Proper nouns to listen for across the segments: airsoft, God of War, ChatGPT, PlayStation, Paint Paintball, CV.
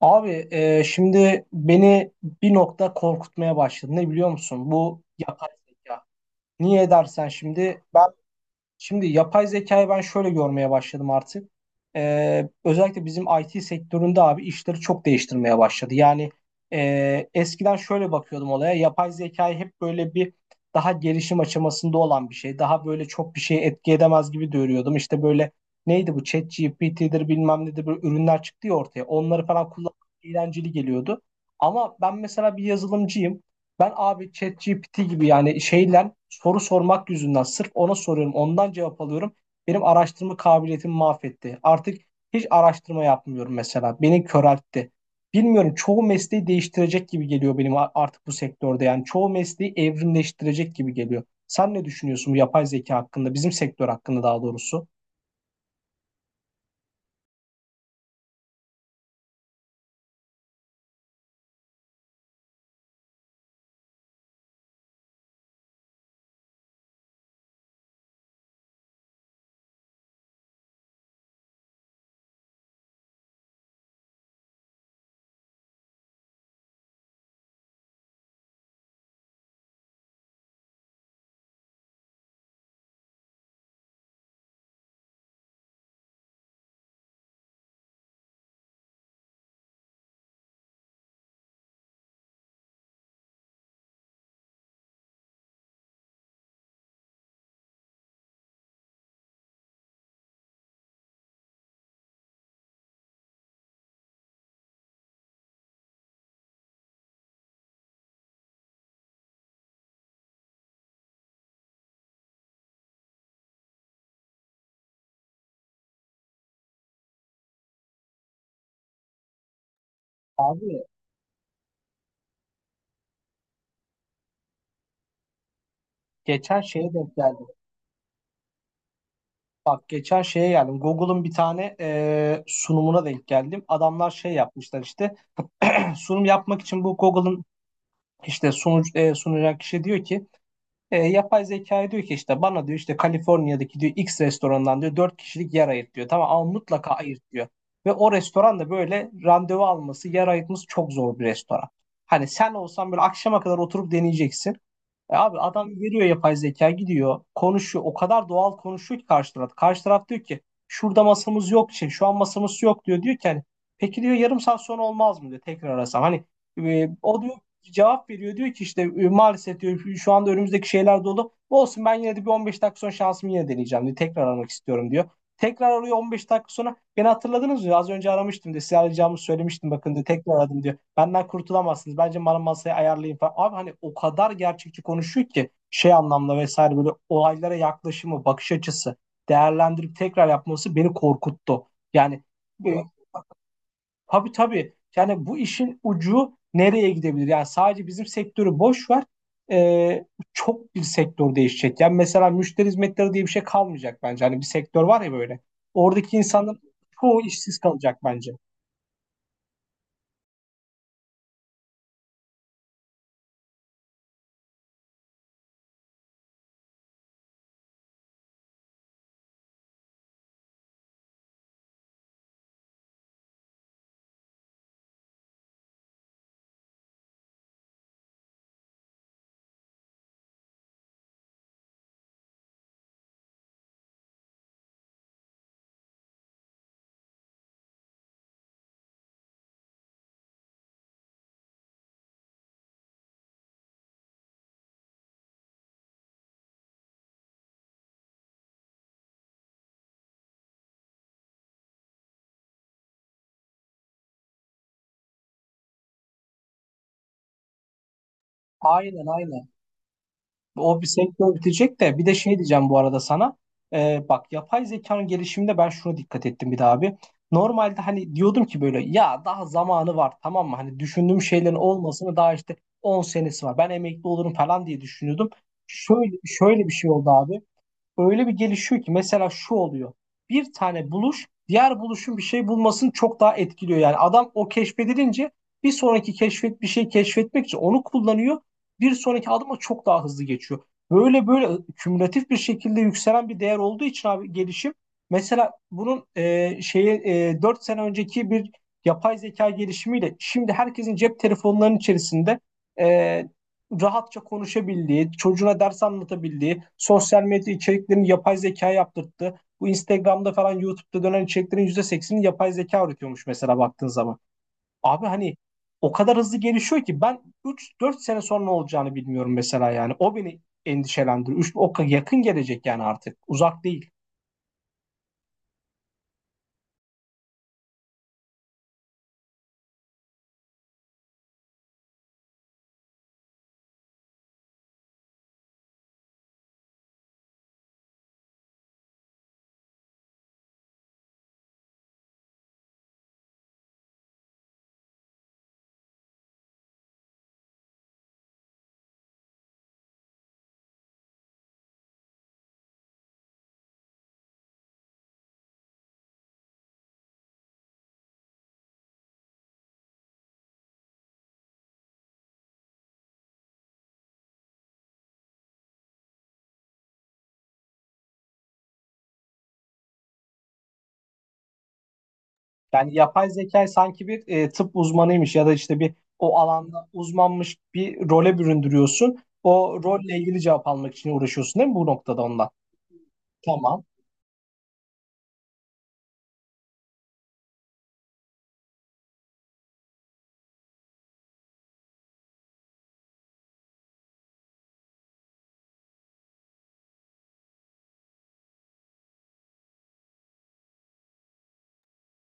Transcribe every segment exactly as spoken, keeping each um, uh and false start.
Abi e, şimdi beni bir nokta korkutmaya başladı. Ne biliyor musun? Bu yapay zeka. Niye dersen şimdi ben. Şimdi yapay zekayı ben şöyle görmeye başladım artık. Ee, özellikle bizim I T sektöründe abi işleri çok değiştirmeye başladı. Yani, e, eskiden şöyle bakıyordum olaya. Yapay zekayı hep böyle bir daha gelişim aşamasında olan bir şey. Daha böyle çok bir şey etki edemez gibi görüyordum. İşte böyle neydi bu ChatGPT'dir bilmem nedir böyle ürünler çıktı ya ortaya. Onları falan kullanmak eğlenceli geliyordu. Ama ben mesela bir yazılımcıyım. Ben abi ChatGPT gibi yani şeyle soru sormak yüzünden sırf ona soruyorum, ondan cevap alıyorum. Benim araştırma kabiliyetimi mahvetti. Artık hiç araştırma yapmıyorum mesela. Beni köreltti. Bilmiyorum, çoğu mesleği değiştirecek gibi geliyor benim a- artık bu sektörde. Yani çoğu mesleği evrimleştirecek gibi geliyor. Sen ne düşünüyorsun bu yapay zeka hakkında, bizim sektör hakkında daha doğrusu? Abi geçen şeye denk geldim. Bak geçen şeye geldim. Google'ın bir tane e, sunumuna denk geldim. Adamlar şey yapmışlar işte. Sunum yapmak için bu Google'ın işte sunucu, e, sunacak kişi diyor ki e, yapay zekaya diyor ki işte bana diyor işte Kaliforniya'daki diyor X restorandan diyor dört kişilik yer ayırt diyor. Tamam ama mutlaka ayırt diyor. Ve o restoran da böyle randevu alması, yer ayırtması çok zor bir restoran. Hani sen olsan böyle akşama kadar oturup deneyeceksin. E abi adam veriyor, yapay zeka gidiyor konuşuyor, o kadar doğal konuşuyor ki karşı taraf. Karşı taraf diyor ki şurada masamız yok, şey, şu an masamız yok diyor. Diyor ki hani peki diyor yarım saat sonra olmaz mı diyor tekrar arasam. Hani e, o diyor cevap veriyor diyor ki işte e, maalesef diyor şu anda önümüzdeki şeyler dolu. Olsun, ben yine de bir on beş dakika sonra şansımı yine deneyeceğim diyor. Tekrar aramak istiyorum diyor. Tekrar arıyor on beş dakika sonra. Beni hatırladınız mı? Az önce aramıştım diyor. Size arayacağımı söylemiştim bakın diyor. Tekrar aradım diyor. Benden kurtulamazsınız. Bence bana masayı ayarlayın falan. Abi hani o kadar gerçekçi konuşuyor ki şey anlamda vesaire, böyle olaylara yaklaşımı, bakış açısı değerlendirip tekrar yapması beni korkuttu. Yani. e, Tabii tabii. Yani bu işin ucu nereye gidebilir? Yani sadece bizim sektörü boş ver. Ee, çok bir sektör değişecek. Yani mesela müşteri hizmetleri diye bir şey kalmayacak bence. Hani bir sektör var ya böyle. Oradaki insanların çoğu işsiz kalacak bence. Aynen aynen. O bir sektör bitecek de bir de şey diyeceğim bu arada sana. Ee, bak yapay zekanın gelişiminde ben şuna dikkat ettim bir daha abi. Normalde hani diyordum ki böyle ya daha zamanı var, tamam mı? Hani düşündüğüm şeylerin olmasını daha işte on senesi var. Ben emekli olurum falan diye düşünüyordum. Şöyle şöyle bir şey oldu abi, öyle bir gelişiyor ki mesela şu oluyor. Bir tane buluş diğer buluşun bir şey bulmasını çok daha etkiliyor. Yani adam o keşfedilince bir sonraki keşfet bir şey keşfetmek için onu kullanıyor. Bir sonraki adıma çok daha hızlı geçiyor. Böyle böyle kümülatif bir şekilde yükselen bir değer olduğu için abi gelişim. Mesela bunun e, şeyi e, dört sene önceki bir yapay zeka gelişimiyle şimdi herkesin cep telefonlarının içerisinde e, rahatça konuşabildiği, çocuğuna ders anlatabildiği, sosyal medya içeriklerini yapay zeka yaptırttı. Bu Instagram'da falan YouTube'da dönen içeriklerin yüzde seksenini yapay zeka üretiyormuş mesela baktığın zaman. Abi hani o kadar hızlı gelişiyor ki ben üç dört sene sonra ne olacağını bilmiyorum mesela yani. O beni endişelendiriyor. Üç, o ka- yakın gelecek yani artık. Uzak değil. Yani yapay zeka sanki bir e, tıp uzmanıymış ya da işte bir o alanda uzmanmış bir role büründürüyorsun. O rolle ilgili cevap almak için uğraşıyorsun değil mi bu noktada ondan? Tamam.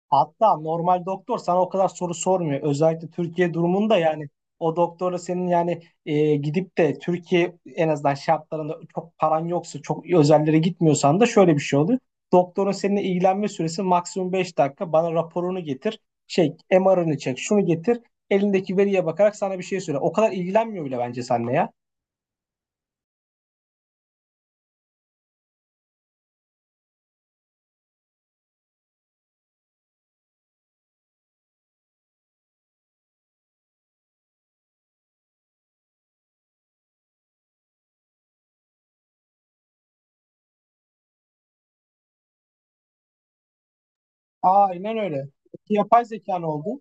Hatta normal doktor sana o kadar soru sormuyor. Özellikle Türkiye durumunda yani o doktora senin yani e, gidip de Türkiye en azından şartlarında çok paran yoksa çok özellere gitmiyorsan da şöyle bir şey oluyor. Doktorun seninle ilgilenme süresi maksimum beş dakika. Bana raporunu getir. Şey M R'ını çek. Şunu getir. Elindeki veriye bakarak sana bir şey söyle. O kadar ilgilenmiyor bile bence seninle ya. Aynen öyle. Yapay zeka ne oldu?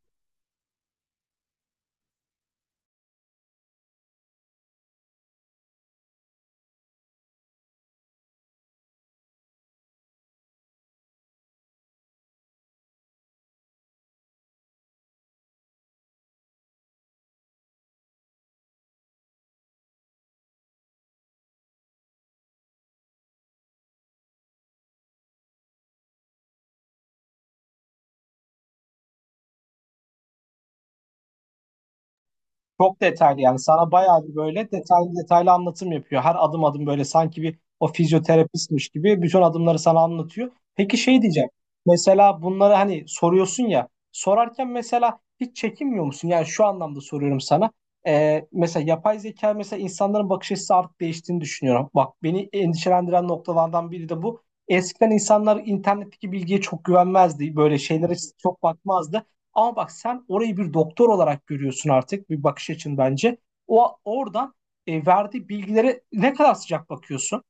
Çok detaylı yani, sana bayağı bir böyle detaylı detaylı anlatım yapıyor. Her adım adım böyle sanki bir o fizyoterapistmiş gibi bütün adımları sana anlatıyor. Peki şey diyeceğim. Mesela bunları hani soruyorsun ya, sorarken mesela hiç çekinmiyor musun? Yani şu anlamda soruyorum sana. Ee, mesela yapay zeka mesela insanların bakış açısı artık değiştiğini düşünüyorum. Bak beni endişelendiren noktalardan biri de bu. Eskiden insanlar internetteki bilgiye çok güvenmezdi. Böyle şeylere çok bakmazdı. Ama bak sen orayı bir doktor olarak görüyorsun artık bir bakış açın bence. O oradan e, verdiği bilgilere ne kadar sıcak bakıyorsun.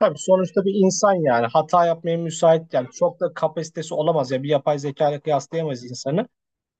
Tabii sonuçta bir insan yani hata yapmaya müsait, yani çok da kapasitesi olamaz ya, bir yapay zeka ile kıyaslayamayız insanı.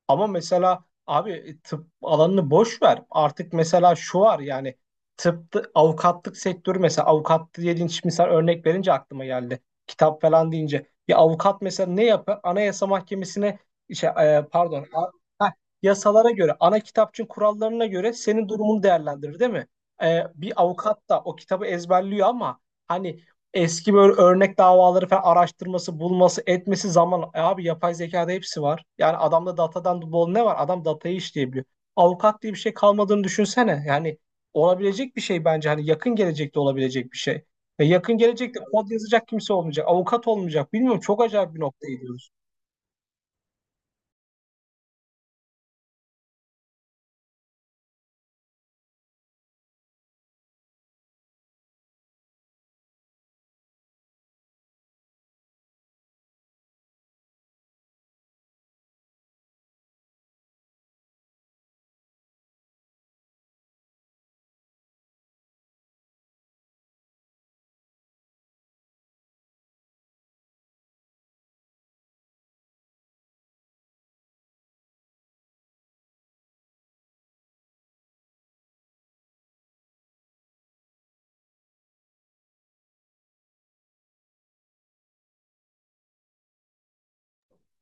Ama mesela abi e, tıp alanını boş ver. Artık mesela şu var yani tıpta avukatlık sektörü, mesela avukat dediğin şimdi sen örnek verince aklıma geldi. Kitap falan deyince bir avukat mesela ne yapar? Anayasa Mahkemesi'ne şey, e, pardon a- heh, yasalara göre ana kitapçığın kurallarına göre senin durumunu değerlendirir değil mi? E, bir avukat da o kitabı ezberliyor ama hani eski böyle örnek davaları falan araştırması, bulması, etmesi zaman. E abi yapay zekada hepsi var. Yani adamda datadan bol ne var? Adam datayı işleyebiliyor. Avukat diye bir şey kalmadığını düşünsene. Yani olabilecek bir şey bence. Hani yakın gelecekte olabilecek bir şey. Ve yakın gelecekte kod yazacak kimse olmayacak. Avukat olmayacak. Bilmiyorum, çok acayip bir noktaya gidiyoruz.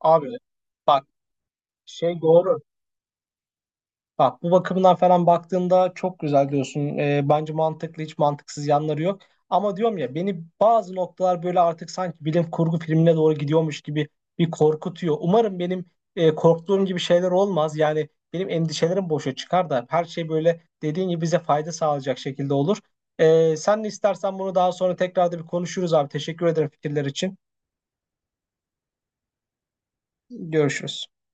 Abi bak, şey doğru. Bak bu bakımdan falan baktığında çok güzel diyorsun. Ee, bence mantıklı, hiç mantıksız yanları yok. Ama diyorum ya beni bazı noktalar böyle artık sanki bilim kurgu filmine doğru gidiyormuş gibi bir korkutuyor. Umarım benim e, korktuğum gibi şeyler olmaz. Yani benim endişelerim boşa çıkar da her şey böyle dediğin gibi bize fayda sağlayacak şekilde olur. Ee, sen de istersen bunu daha sonra tekrar da bir konuşuruz abi. Teşekkür ederim fikirler için. Görüşürüz.